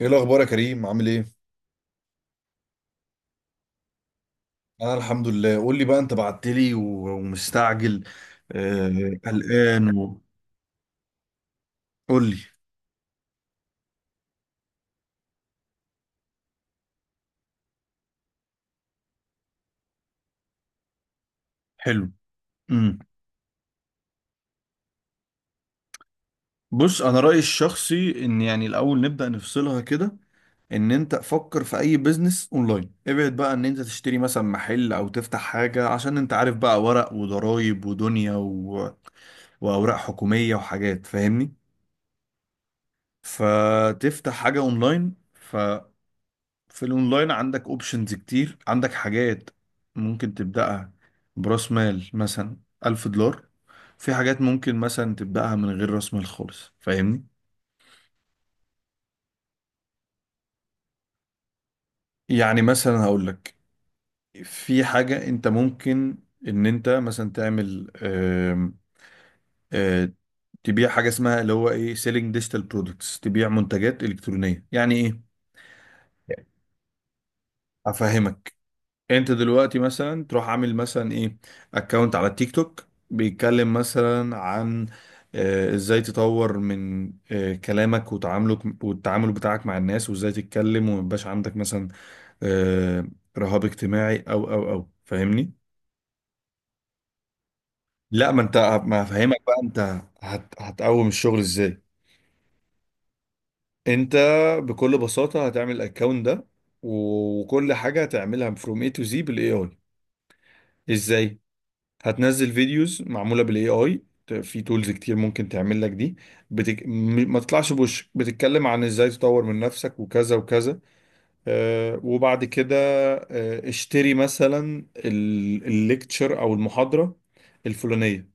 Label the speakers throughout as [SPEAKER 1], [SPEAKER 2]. [SPEAKER 1] ايه الاخبار يا كريم، عامل ايه؟ انا الحمد لله. قول لي بقى، انت بعت لي ومستعجل، آه قلقان قول لي. حلو. امم بص، انا رايي الشخصي ان يعني الاول نبدا نفصلها كده. ان انت فكر في اي بيزنس اونلاين، ابعد بقى ان انت تشتري مثلا محل او تفتح حاجه، عشان انت عارف بقى، ورق وضرايب ودنيا واوراق حكوميه وحاجات، فاهمني. فتفتح حاجه اونلاين. في الاونلاين عندك اوبشنز كتير، عندك حاجات ممكن تبدأها براس مال مثلا $1000، في حاجات ممكن مثلا تبدأها من غير راس مال خالص، فاهمني. يعني مثلا هقول لك، في حاجة انت ممكن ان انت مثلا تعمل، آم، آه، تبيع حاجة اسمها اللي هو ايه، سيلينج ديجيتال برودكتس، تبيع منتجات إلكترونية. يعني ايه؟ افهمك. انت دلوقتي مثلا تروح عامل مثلا ايه، اكونت على التيك توك، بيتكلم مثلا عن ازاي تطور من كلامك وتعاملك، والتعامل بتاعك مع الناس، وازاي تتكلم، وما يبقاش عندك مثلا آه، رهاب اجتماعي او فاهمني. لا، ما انت، ما هفهمك بقى انت هتقوم الشغل ازاي. انت بكل بساطة هتعمل الاكونت ده، وكل حاجة هتعملها من فروم اي تو زي بالاي اي. ازاي؟ هتنزل فيديوز معموله بالاي اي، في تولز كتير ممكن تعمل لك دي. ما تطلعش بوشك بتتكلم عن ازاي تطور من نفسك وكذا وكذا. آه، وبعد كده آه، اشتري مثلا الليكتشر او المحاضره الفلانيه،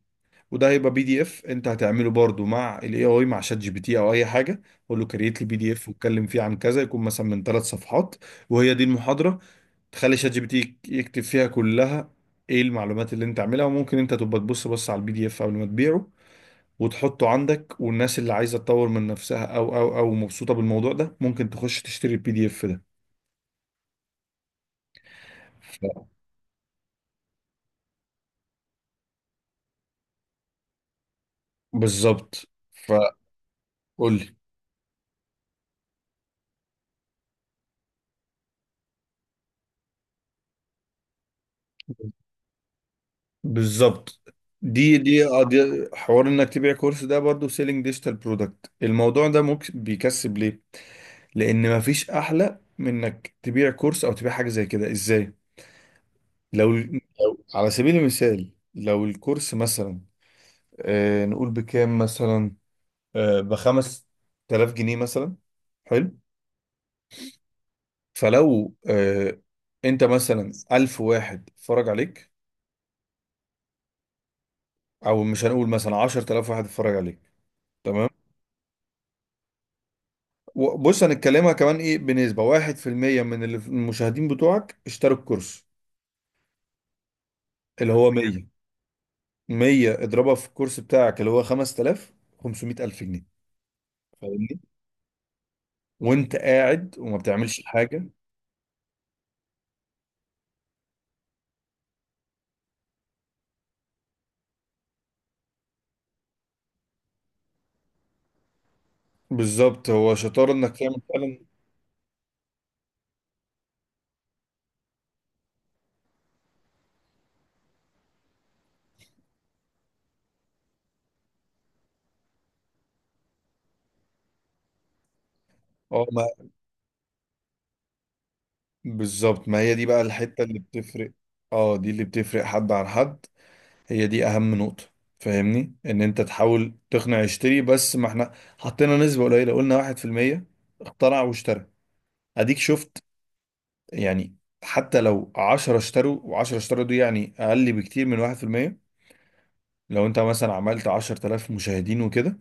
[SPEAKER 1] وده هيبقى بي دي اف انت هتعمله برضو مع الاي اي، مع شات جي بي تي او اي حاجه. قول له كريت لي بي دي اف واتكلم فيه عن كذا، يكون مثلا من ثلاث صفحات وهي دي المحاضره. تخلي شات جي بي تي يكتب فيها كلها ايه المعلومات اللي انت عاملها، وممكن انت تبقى تبص بس على البي دي اف قبل ما تبيعه وتحطه عندك. والناس اللي عايزه تطور من نفسها او مبسوطه بالموضوع ده، ممكن تخش تشتري البي دي اف ده. ف- بالظبط. فقول لي. بالظبط. دي دي حوار انك تبيع كورس، ده برضو سيلينج ديجيتال برودكت. الموضوع ده ممكن بيكسب ليه؟ لان مفيش احلى من انك تبيع كورس او تبيع حاجه زي كده. ازاي؟ على سبيل المثال، لو الكورس مثلا، آه نقول بكام مثلا، آه بخمس تلاف جنيه مثلا. حلو. فلو آه، انت مثلا 1000 واحد اتفرج عليك، او مش هنقول، مثلا 10000 واحد اتفرج عليك. تمام. بص، هنتكلمها كمان ايه، بنسبة واحد في المية من المشاهدين بتوعك اشتروا الكورس اللي هو تمام مية. مية اضربها في الكورس بتاعك اللي هو 5000، 500,000 جنيه. فاهمني. وانت قاعد وما بتعملش حاجة. بالظبط، هو شطار انك تعمل فعلا. اه، ما بالظبط، ما هي دي بقى الحتة اللي بتفرق. اه، دي اللي بتفرق حد عن حد، هي دي اهم نقطة. فاهمني، ان انت تحاول تقنع يشتري، بس ما احنا حطينا نسبة قليلة، قلنا واحد في المية اخترع واشترى. اديك شفت يعني. حتى لو 10 اشتروا و10 اشتروا، دي يعني اقل بكتير من 1%. لو انت مثلا عملت 10,000 مشاهدين وكده،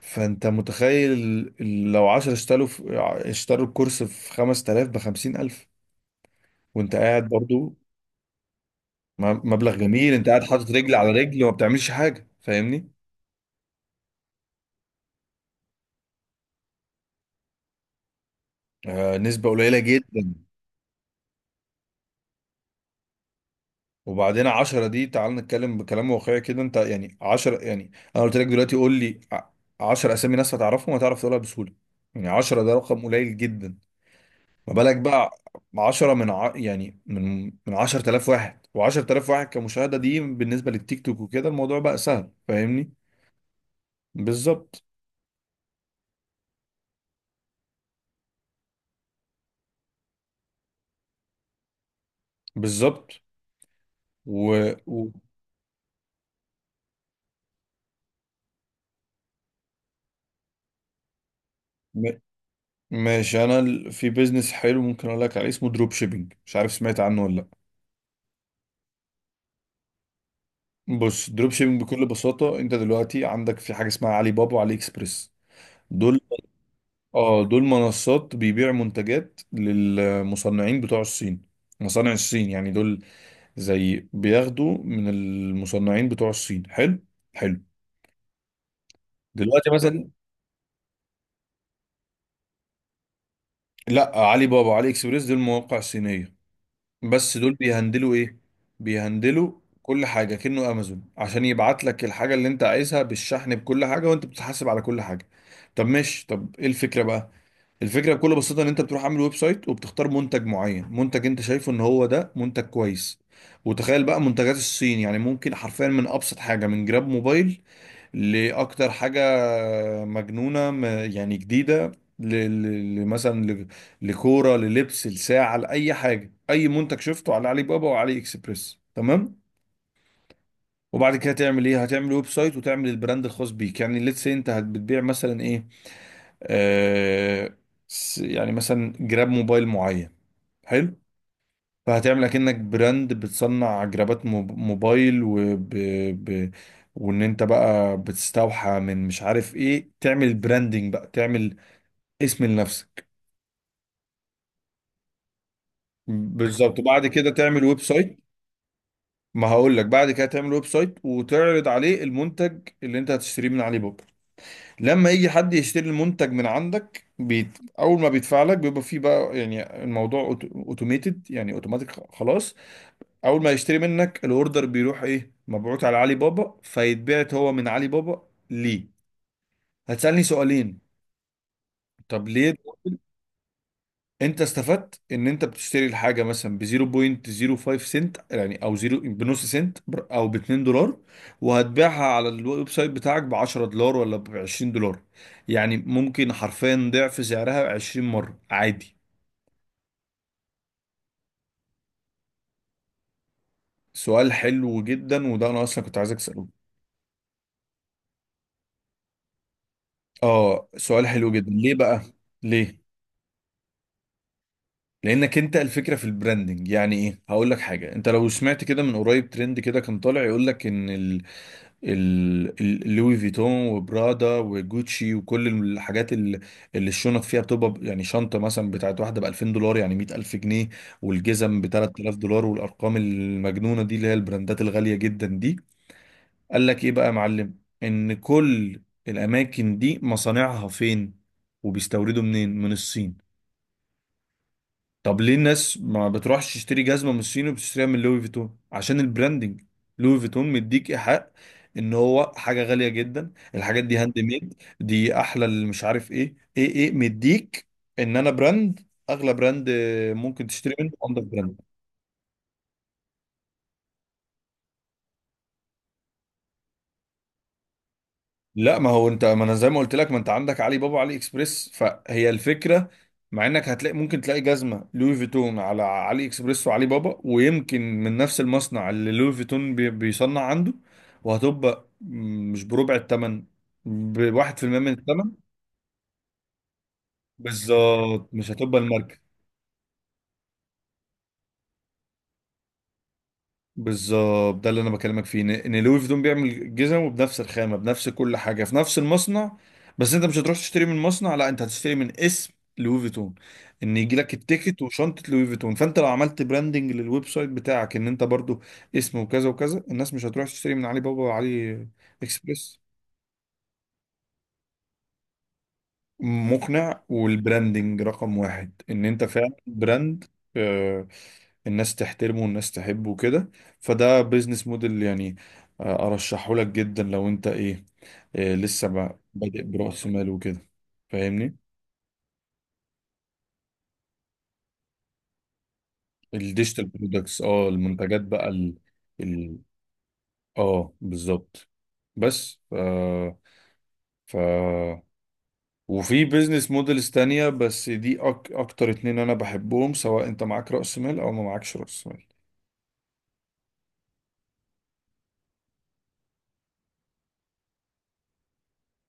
[SPEAKER 1] فانت متخيل، لو 10 اشتروا في اشتروا الكورس في 5000، ب 50000، وانت قاعد برضو. مبلغ جميل، انت قاعد حاطط رجل على رجل وما بتعملش حاجة، فاهمني. آه، نسبة قليلة جدا. وبعدين عشرة دي، تعال نتكلم بكلام واقعي كده. انت يعني عشرة، يعني انا قلت لك دلوقتي قول لي عشرة اسامي ناس هتعرفهم، هتعرف تقولها بسهولة. يعني عشرة ده رقم قليل جدا. ما بالك بقى عشرة يعني من 10,000 واحد، وعشرة آلاف واحد كمشاهدة دي بالنسبة للتيك توك وكده، الموضوع بقى سهل، فاهمني. بالظبط. بالظبط. و... و... م- ماشي. انا في بيزنس حلو ممكن اقول لك عليه، اسمه دروب شيبينج، مش عارف سمعت عنه ولا لأ. بص، دروب شيبنج بكل بساطة، انت دلوقتي عندك في حاجة اسمها علي بابا وعلي اكسبريس، دول. اه دول منصات بيبيع منتجات للمصنعين بتوع الصين، مصانع الصين يعني دول. زي بياخدوا من المصنعين بتوع الصين. حلو. حلو. دلوقتي مثلا، لا، علي بابا وعلي اكسبريس دول مواقع صينية. بس دول بيهندلوا ايه، بيهندلوا كل حاجة كأنه امازون، عشان يبعت لك الحاجة اللي انت عايزها بالشحن بكل حاجة، وانت بتتحاسب على كل حاجة. طب ماشي، طب ايه الفكرة بقى؟ الفكره بكل بساطه، ان انت بتروح عامل ويب سايت وبتختار منتج معين، منتج انت شايفه ان هو ده منتج كويس. وتخيل بقى منتجات الصين، يعني ممكن حرفيا من ابسط حاجه، من جراب موبايل لاكتر حاجه مجنونه، يعني جديده، ل- ل- ل- مثلا ل- لكوره، للبس، لساعه، لاي حاجه، اي منتج شفته على علي بابا وعلي اكسبريس. تمام. وبعد كده هتعمل ايه، هتعمل ويب سايت وتعمل البراند الخاص بيك. يعني ليتس، بتبيع مثلا ايه، آه، يعني مثلا جراب موبايل معين. حلو. فهتعمل اكنك براند بتصنع جرابات موبايل ب... وان انت بقى بتستوحى من مش عارف ايه، تعمل براندنج بقى، تعمل اسم لنفسك. بالظبط. وبعد كده تعمل ويب سايت. ما هقول لك، بعد كده تعمل ويب سايت وتعرض عليه المنتج اللي انت هتشتريه من علي بابا. لما يجي حد يشتري المنتج من عندك اول ما بيدفع لك، بيبقى فيه بقى يعني الموضوع اوتوميتد، يعني اوتوماتيك خلاص. اول ما يشتري منك، الاوردر بيروح ايه، مبعوت على علي بابا، فيتبعت هو من علي بابا ليه. هتسألني سؤالين، طب ليه؟ انت استفدت ان انت بتشتري الحاجه مثلا ب 0.05 سنت يعني، او زيرو بنص سنت، او ب 2 دولار، وهتبيعها على الويب سايت بتاعك ب 10 دولار ولا ب 20 دولار. يعني ممكن حرفيا ضعف سعرها 20 مره عادي. سؤال حلو جدا، وده انا اصلا كنت عايزك تساله. اه، سؤال حلو جدا. ليه بقى؟ ليه؟ لانك انت الفكره في البراندنج. يعني ايه، هقول لك حاجه. انت لو سمعت كده من قريب ترند كده كان طالع يقول لك ان لوي فيتون وبرادا وجوتشي، وكل الحاجات اللي الشنط فيها بتبقى يعني شنطة مثلا بتاعت واحدة ب 2000 دولار، يعني 100000 جنيه، والجزم ب 3000 دولار، والأرقام المجنونة دي اللي هي البراندات الغالية جدا دي. قال لك إيه بقى يا معلم، إن كل الأماكن دي مصانعها فين، وبيستوردوا منين؟ من الصين. طب ليه الناس ما بتروحش تشتري جزمة من الصين وبتشتريها من لوي فيتون؟ عشان البراندنج. لوي فيتون مديك إيحاء ان هو حاجة غالية جدا، الحاجات دي هاند ميد، دي احلى، اللي مش عارف ايه، ايه. مديك ان انا براند، اغلى براند ممكن تشتري منه، اندر براند. لا، ما هو انت، ما انا زي ما قلت لك، ما انت عندك علي بابا، علي اكسبريس، فهي الفكره. مع انك هتلاقي، ممكن تلاقي جزمه لوي فيتون على علي اكسبريس وعلي بابا، ويمكن من نفس المصنع اللي لوي فيتون بيصنع عنده. وهتبقى مش بربع الثمن، بواحد في المية من الثمن. بالظبط، مش هتبقى الماركه. بالظبط، ده اللي انا بكلمك فيه، ان إن لوي فيتون بيعمل جزمه بنفس الخامه، بنفس كل حاجه، في نفس المصنع. بس انت مش هتروح تشتري من مصنع، لا انت هتشتري من اسم لوي فيتون، ان يجي لك التيكت وشنطه لوي فيتون. فانت لو عملت براندنج للويب سايت بتاعك ان انت برضو اسم وكذا وكذا، الناس مش هتروح تشتري من علي بابا وعلي اكسبريس. مقنع. والبراندنج رقم واحد، ان انت فعلا براند. آه، الناس تحترمه والناس تحبه وكده. فده بيزنس موديل يعني، ارشحه لك جدا لو انت ايه، لسه بادئ برأس مال وكده، فاهمني. الديجيتال برودكتس، اه، المنتجات بقى ال اه بالظبط. بس آه، ف وفي بيزنس موديلز تانية، بس دي أكتر اتنين أنا بحبهم، سواء أنت معاك رأس مال أو ما معاكش رأس مال.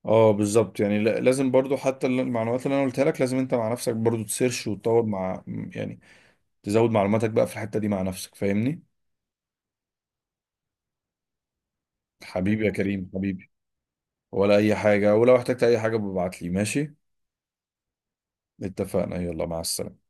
[SPEAKER 1] اه بالظبط يعني، لازم برضو حتى المعلومات اللي انا قلتها لك، لازم انت مع نفسك برضو تسيرش وتطور مع، يعني تزود معلوماتك بقى في الحتة دي مع نفسك، فاهمني. حبيبي يا كريم، حبيبي. ولا اي حاجة، ولو احتجت اي حاجة ببعت لي ماشي. اتفقنا، يلا مع السلامة.